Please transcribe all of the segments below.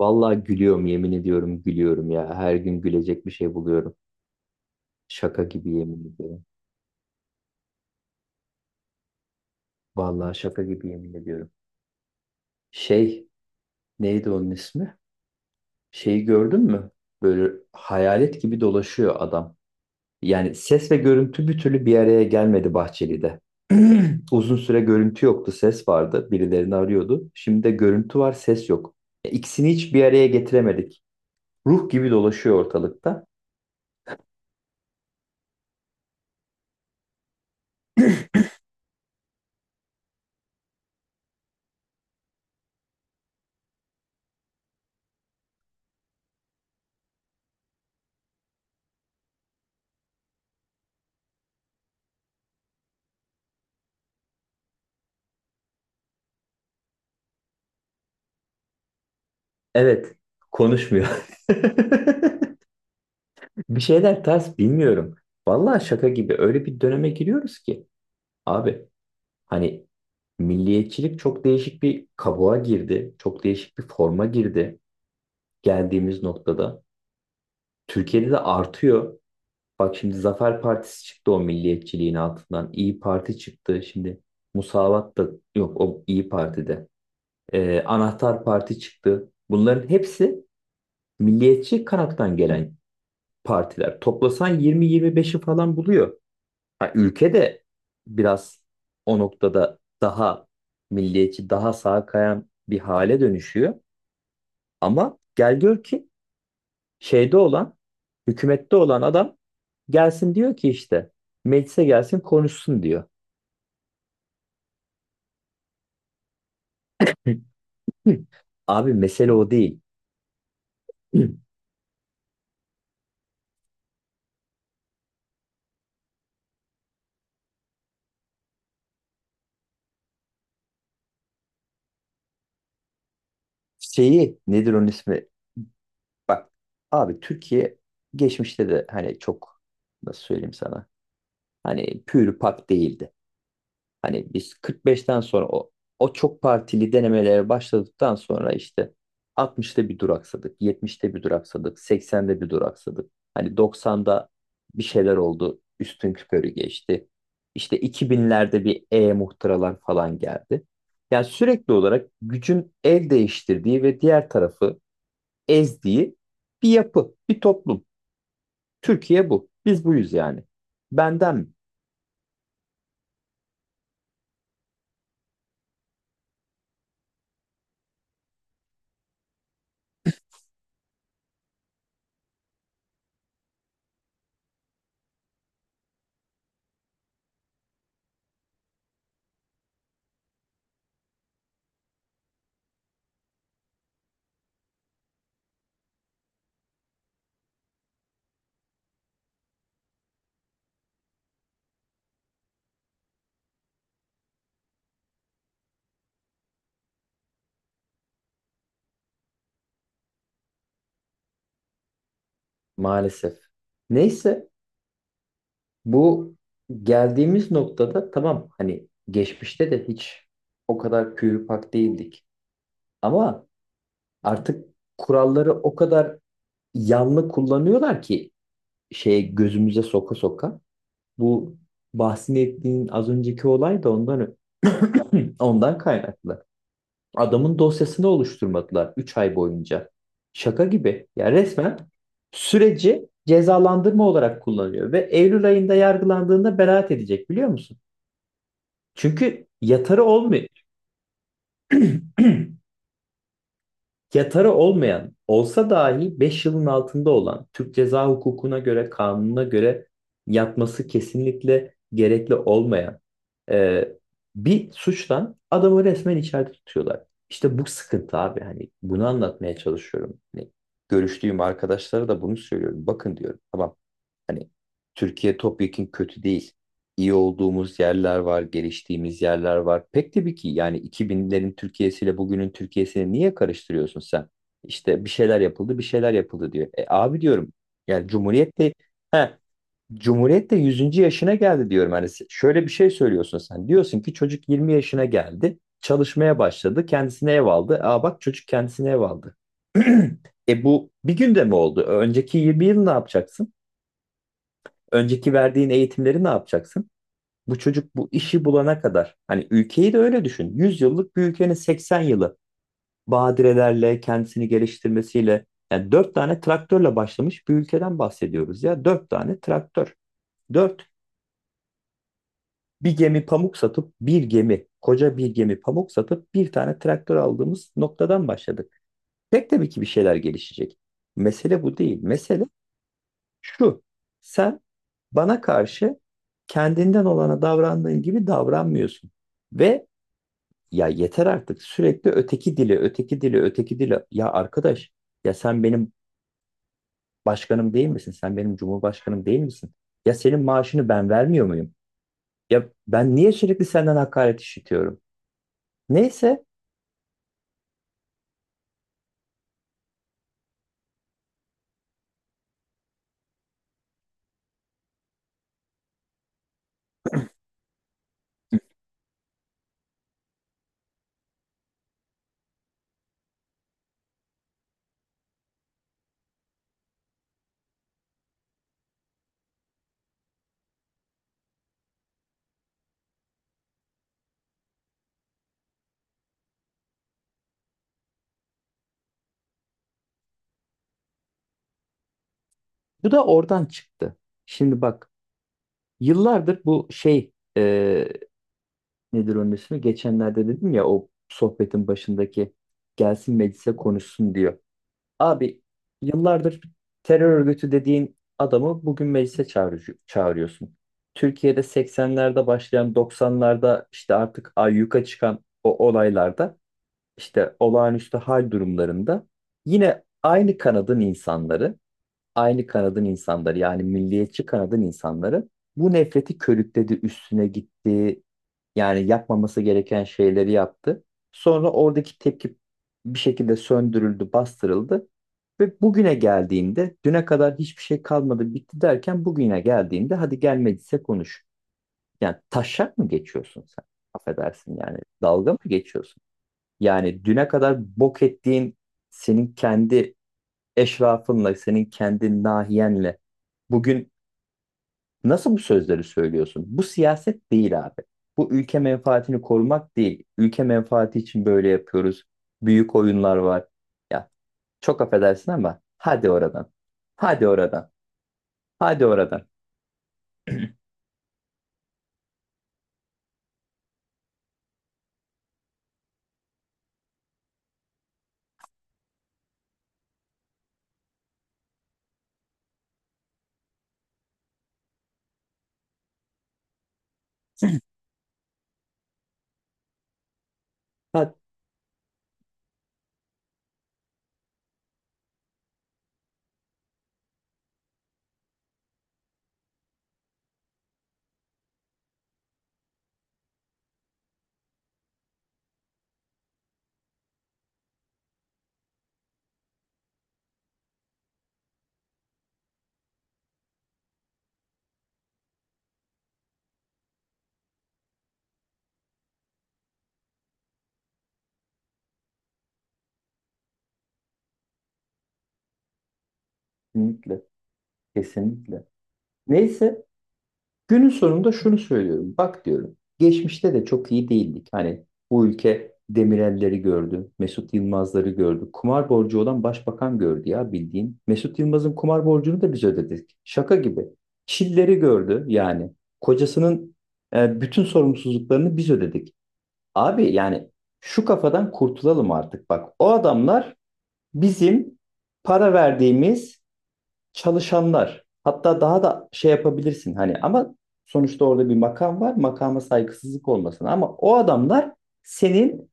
Vallahi gülüyorum yemin ediyorum gülüyorum ya. Her gün gülecek bir şey buluyorum. Şaka gibi yemin ediyorum. Vallahi şaka gibi yemin ediyorum. Şey neydi onun ismi? Şeyi gördün mü? Böyle hayalet gibi dolaşıyor adam. Yani ses ve görüntü bir türlü bir araya gelmedi Bahçeli'de. Uzun süre görüntü yoktu, ses vardı. Birilerini arıyordu. Şimdi de görüntü var, ses yok. İkisini hiç bir araya getiremedik. Ruh gibi dolaşıyor ortalıkta. Evet, konuşmuyor. Bir şeyler ters, bilmiyorum. Vallahi şaka gibi öyle bir döneme giriyoruz ki. Abi, hani milliyetçilik çok değişik bir kabuğa girdi. Çok değişik bir forma girdi geldiğimiz noktada. Türkiye'de de artıyor. Bak şimdi, Zafer Partisi çıktı o milliyetçiliğin altından. İyi Parti çıktı. Şimdi Musavat da yok o İyi Parti'de. Anahtar Parti çıktı. Bunların hepsi milliyetçi kanattan gelen partiler. Toplasan 20-25'i falan buluyor. Ha, ülke de biraz o noktada daha milliyetçi, daha sağa kayan bir hale dönüşüyor. Ama gel gör ki şeyde olan, hükümette olan adam gelsin diyor ki işte meclise gelsin konuşsun diyor. Hı. Abi, mesele o değil. Hı. Şeyi nedir onun ismi? Bak abi, Türkiye geçmişte de hani çok, nasıl söyleyeyim sana, hani pür pak değildi. Hani biz 45'ten sonra o çok partili denemelere başladıktan sonra işte 60'ta bir duraksadık, 70'te bir duraksadık, 80'de bir duraksadık. Hani 90'da bir şeyler oldu, üstün körü geçti. İşte 2000'lerde bir muhtıralar falan geldi. Yani sürekli olarak gücün el değiştirdiği ve diğer tarafı ezdiği bir yapı, bir toplum. Türkiye bu. Biz buyuz yani. Benden mi? Maalesef. Neyse. Bu geldiğimiz noktada tamam, hani geçmişte de hiç o kadar pak değildik. Ama artık kuralları o kadar yanlı kullanıyorlar ki şeye, gözümüze soka soka. Bu bahsini ettiğin az önceki olay da ondan kaynaklı. Adamın dosyasını oluşturmadılar 3 ay boyunca. Şaka gibi. Ya resmen süreci cezalandırma olarak kullanıyor ve Eylül ayında yargılandığında beraat edecek, biliyor musun? Çünkü yatarı olmuyor. Yatarı olmayan olsa dahi 5 yılın altında olan Türk ceza hukukuna göre, kanununa göre yatması kesinlikle gerekli olmayan e, bir suçtan adamı resmen içeride tutuyorlar. İşte bu sıkıntı abi, hani bunu anlatmaya çalışıyorum. Hani görüştüğüm arkadaşlara da bunu söylüyorum. Bakın diyorum, tamam, hani Türkiye topyekün kötü değil. İyi olduğumuz yerler var, geliştiğimiz yerler var. Pek tabii ki yani, 2000'lerin Türkiye'siyle bugünün Türkiye'sini niye karıştırıyorsun sen? İşte bir şeyler yapıldı, bir şeyler yapıldı diyor. E abi, diyorum yani he, Cumhuriyet de yüzüncü yaşına geldi diyorum. Hani şöyle bir şey söylüyorsun sen. Diyorsun ki çocuk 20 yaşına geldi, çalışmaya başladı, kendisine ev aldı. Aa, bak çocuk kendisine ev aldı. Bu bir günde mi oldu? Önceki 20 yıl ne yapacaksın? Önceki verdiğin eğitimleri ne yapacaksın? Bu çocuk bu işi bulana kadar. Hani ülkeyi de öyle düşün. 100 yıllık bir ülkenin 80 yılı badirelerle, kendisini geliştirmesiyle. Yani 4 tane traktörle başlamış bir ülkeden bahsediyoruz ya. 4 tane traktör. dört Bir gemi pamuk satıp koca bir gemi pamuk satıp bir tane traktör aldığımız noktadan başladık. Pek tabii ki bir şeyler gelişecek. Mesele bu değil. Mesele şu. Sen bana karşı kendinden olana davrandığın gibi davranmıyorsun. Ve ya yeter artık, sürekli öteki dili, öteki dili, öteki dili. Ya arkadaş, ya sen benim başkanım değil misin? Sen benim cumhurbaşkanım değil misin? Ya senin maaşını ben vermiyor muyum? Ya ben niye sürekli senden hakaret işitiyorum? Neyse, bu da oradan çıktı. Şimdi bak, yıllardır bu şey, nedir onun ismi? Geçenlerde dedim ya, o sohbetin başındaki gelsin meclise konuşsun diyor. Abi, yıllardır terör örgütü dediğin adamı bugün meclise çağırıyorsun. Türkiye'de 80'lerde başlayan, 90'larda işte artık ayyuka çıkan o olaylarda, işte olağanüstü hal durumlarında yine aynı kanadın insanları, aynı kanadın insanları, yani milliyetçi kanadın insanları bu nefreti körükledi, üstüne gitti. Yani yapmaması gereken şeyleri yaptı. Sonra oradaki tepki bir şekilde söndürüldü, bastırıldı. Ve bugüne geldiğinde, düne kadar hiçbir şey kalmadı, bitti derken, bugüne geldiğinde hadi gelmediyse konuş. Yani taşak mı geçiyorsun sen? Affedersin yani, dalga mı geçiyorsun? Yani düne kadar bok ettiğin senin kendi eşrafınla, senin kendi nahiyenle bugün nasıl bu sözleri söylüyorsun? Bu siyaset değil abi. Bu ülke menfaatini korumak değil. Ülke menfaati için böyle yapıyoruz. Büyük oyunlar var. Ya çok affedersin ama hadi oradan. Hadi oradan. Hadi oradan. Hadi. Kesinlikle. Kesinlikle. Neyse. Günün sonunda şunu söylüyorum. Bak diyorum. Geçmişte de çok iyi değildik. Hani bu ülke Demirel'leri gördü. Mesut Yılmaz'ları gördü. Kumar borcu olan başbakan gördü ya bildiğin. Mesut Yılmaz'ın kumar borcunu da biz ödedik. Şaka gibi. Çilleri gördü yani. Kocasının bütün sorumsuzluklarını biz ödedik. Abi yani şu kafadan kurtulalım artık. Bak, o adamlar bizim para verdiğimiz çalışanlar. Hatta daha da şey yapabilirsin hani, ama sonuçta orada bir makam var. Makama saygısızlık olmasın ama o adamlar senin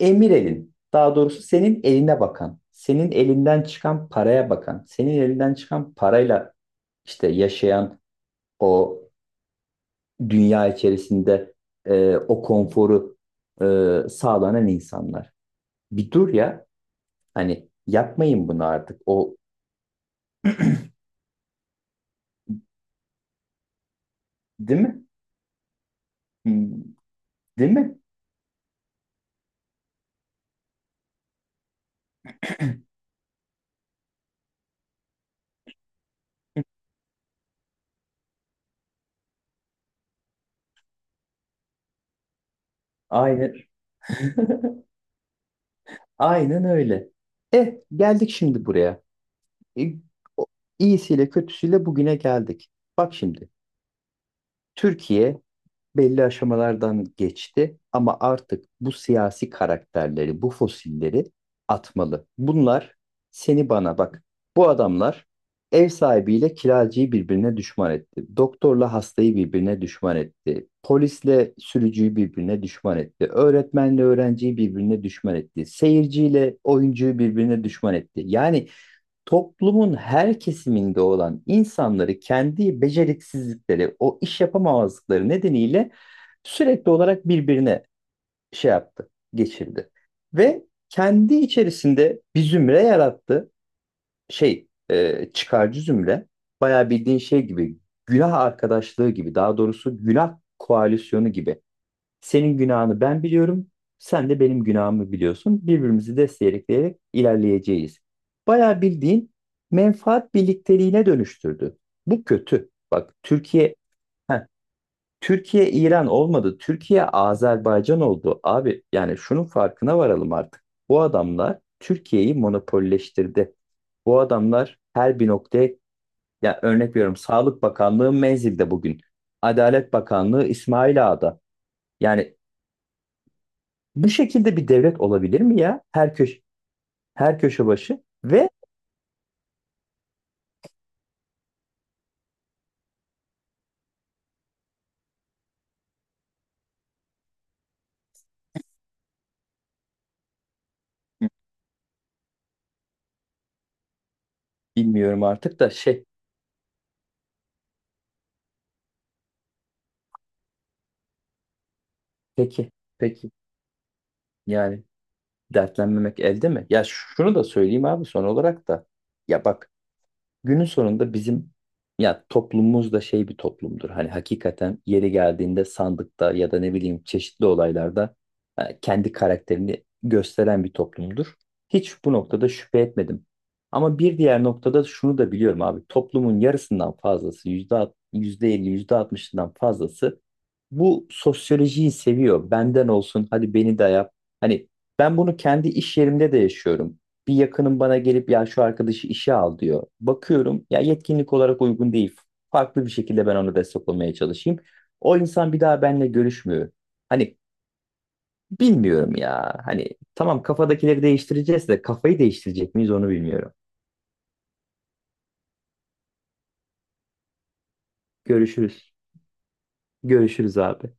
emir elin. Daha doğrusu, senin eline bakan, senin elinden çıkan paraya bakan, senin elinden çıkan parayla işte yaşayan, o dünya içerisinde o konforu sağlanan insanlar. Bir dur ya, hani yapmayın bunu artık. O değil mi? Hmm, değil mi? Aynen. Aynen öyle. E geldik şimdi buraya. E, o- iyisiyle kötüsüyle bugüne geldik. Bak şimdi. Türkiye belli aşamalardan geçti ama artık bu siyasi karakterleri, bu fosilleri atmalı. Bunlar, seni bana bak. Bu adamlar ev sahibiyle kiracıyı birbirine düşman etti. Doktorla hastayı birbirine düşman etti. Polisle sürücüyü birbirine düşman etti. Öğretmenle öğrenciyi birbirine düşman etti. Seyirciyle oyuncuyu birbirine düşman etti. Yani toplumun her kesiminde olan insanları kendi beceriksizlikleri, o iş yapamamazlıkları nedeniyle sürekli olarak birbirine şey yaptı, geçirdi. Ve kendi içerisinde bir zümre yarattı. Çıkarcı zümre. Bayağı bildiğin şey gibi, günah arkadaşlığı gibi, daha doğrusu günah koalisyonu gibi. Senin günahını ben biliyorum, sen de benim günahımı biliyorsun. Birbirimizi destekleyerek ilerleyeceğiz. Bayağı bildiğin menfaat birlikteliğine dönüştürdü. Bu kötü. Bak, heh, Türkiye İran olmadı. Türkiye Azerbaycan oldu. Abi yani şunun farkına varalım artık. Bu adamlar Türkiye'yi monopolleştirdi. Bu adamlar her bir noktaya, ya örnek veriyorum, Sağlık Bakanlığı Menzil'de bugün. Adalet Bakanlığı İsmailağa'da. Yani bu şekilde bir devlet olabilir mi ya? Her köşe, her köşe başı ve bilmiyorum artık da şey. Peki, peki. Yani dertlenmemek elde mi? Ya şunu da söyleyeyim abi son olarak da. Ya bak, günün sonunda bizim ya toplumumuz da şey bir toplumdur. Hani hakikaten yeri geldiğinde sandıkta ya da ne bileyim çeşitli olaylarda kendi karakterini gösteren bir toplumdur. Hiç bu noktada şüphe etmedim. Ama bir diğer noktada şunu da biliyorum abi. Toplumun yarısından fazlası, yüzde elli, yüzde altmışından fazlası bu sosyolojiyi seviyor. Benden olsun, hadi beni de yap. Hani ben bunu kendi iş yerimde de yaşıyorum. Bir yakınım bana gelip ya şu arkadaşı işe al diyor. Bakıyorum, ya yetkinlik olarak uygun değil. Farklı bir şekilde ben ona destek olmaya çalışayım. O insan bir daha benimle görüşmüyor. Hani bilmiyorum ya. Hani tamam, kafadakileri değiştireceğiz de kafayı değiştirecek miyiz, onu bilmiyorum. Görüşürüz. Görüşürüz abi.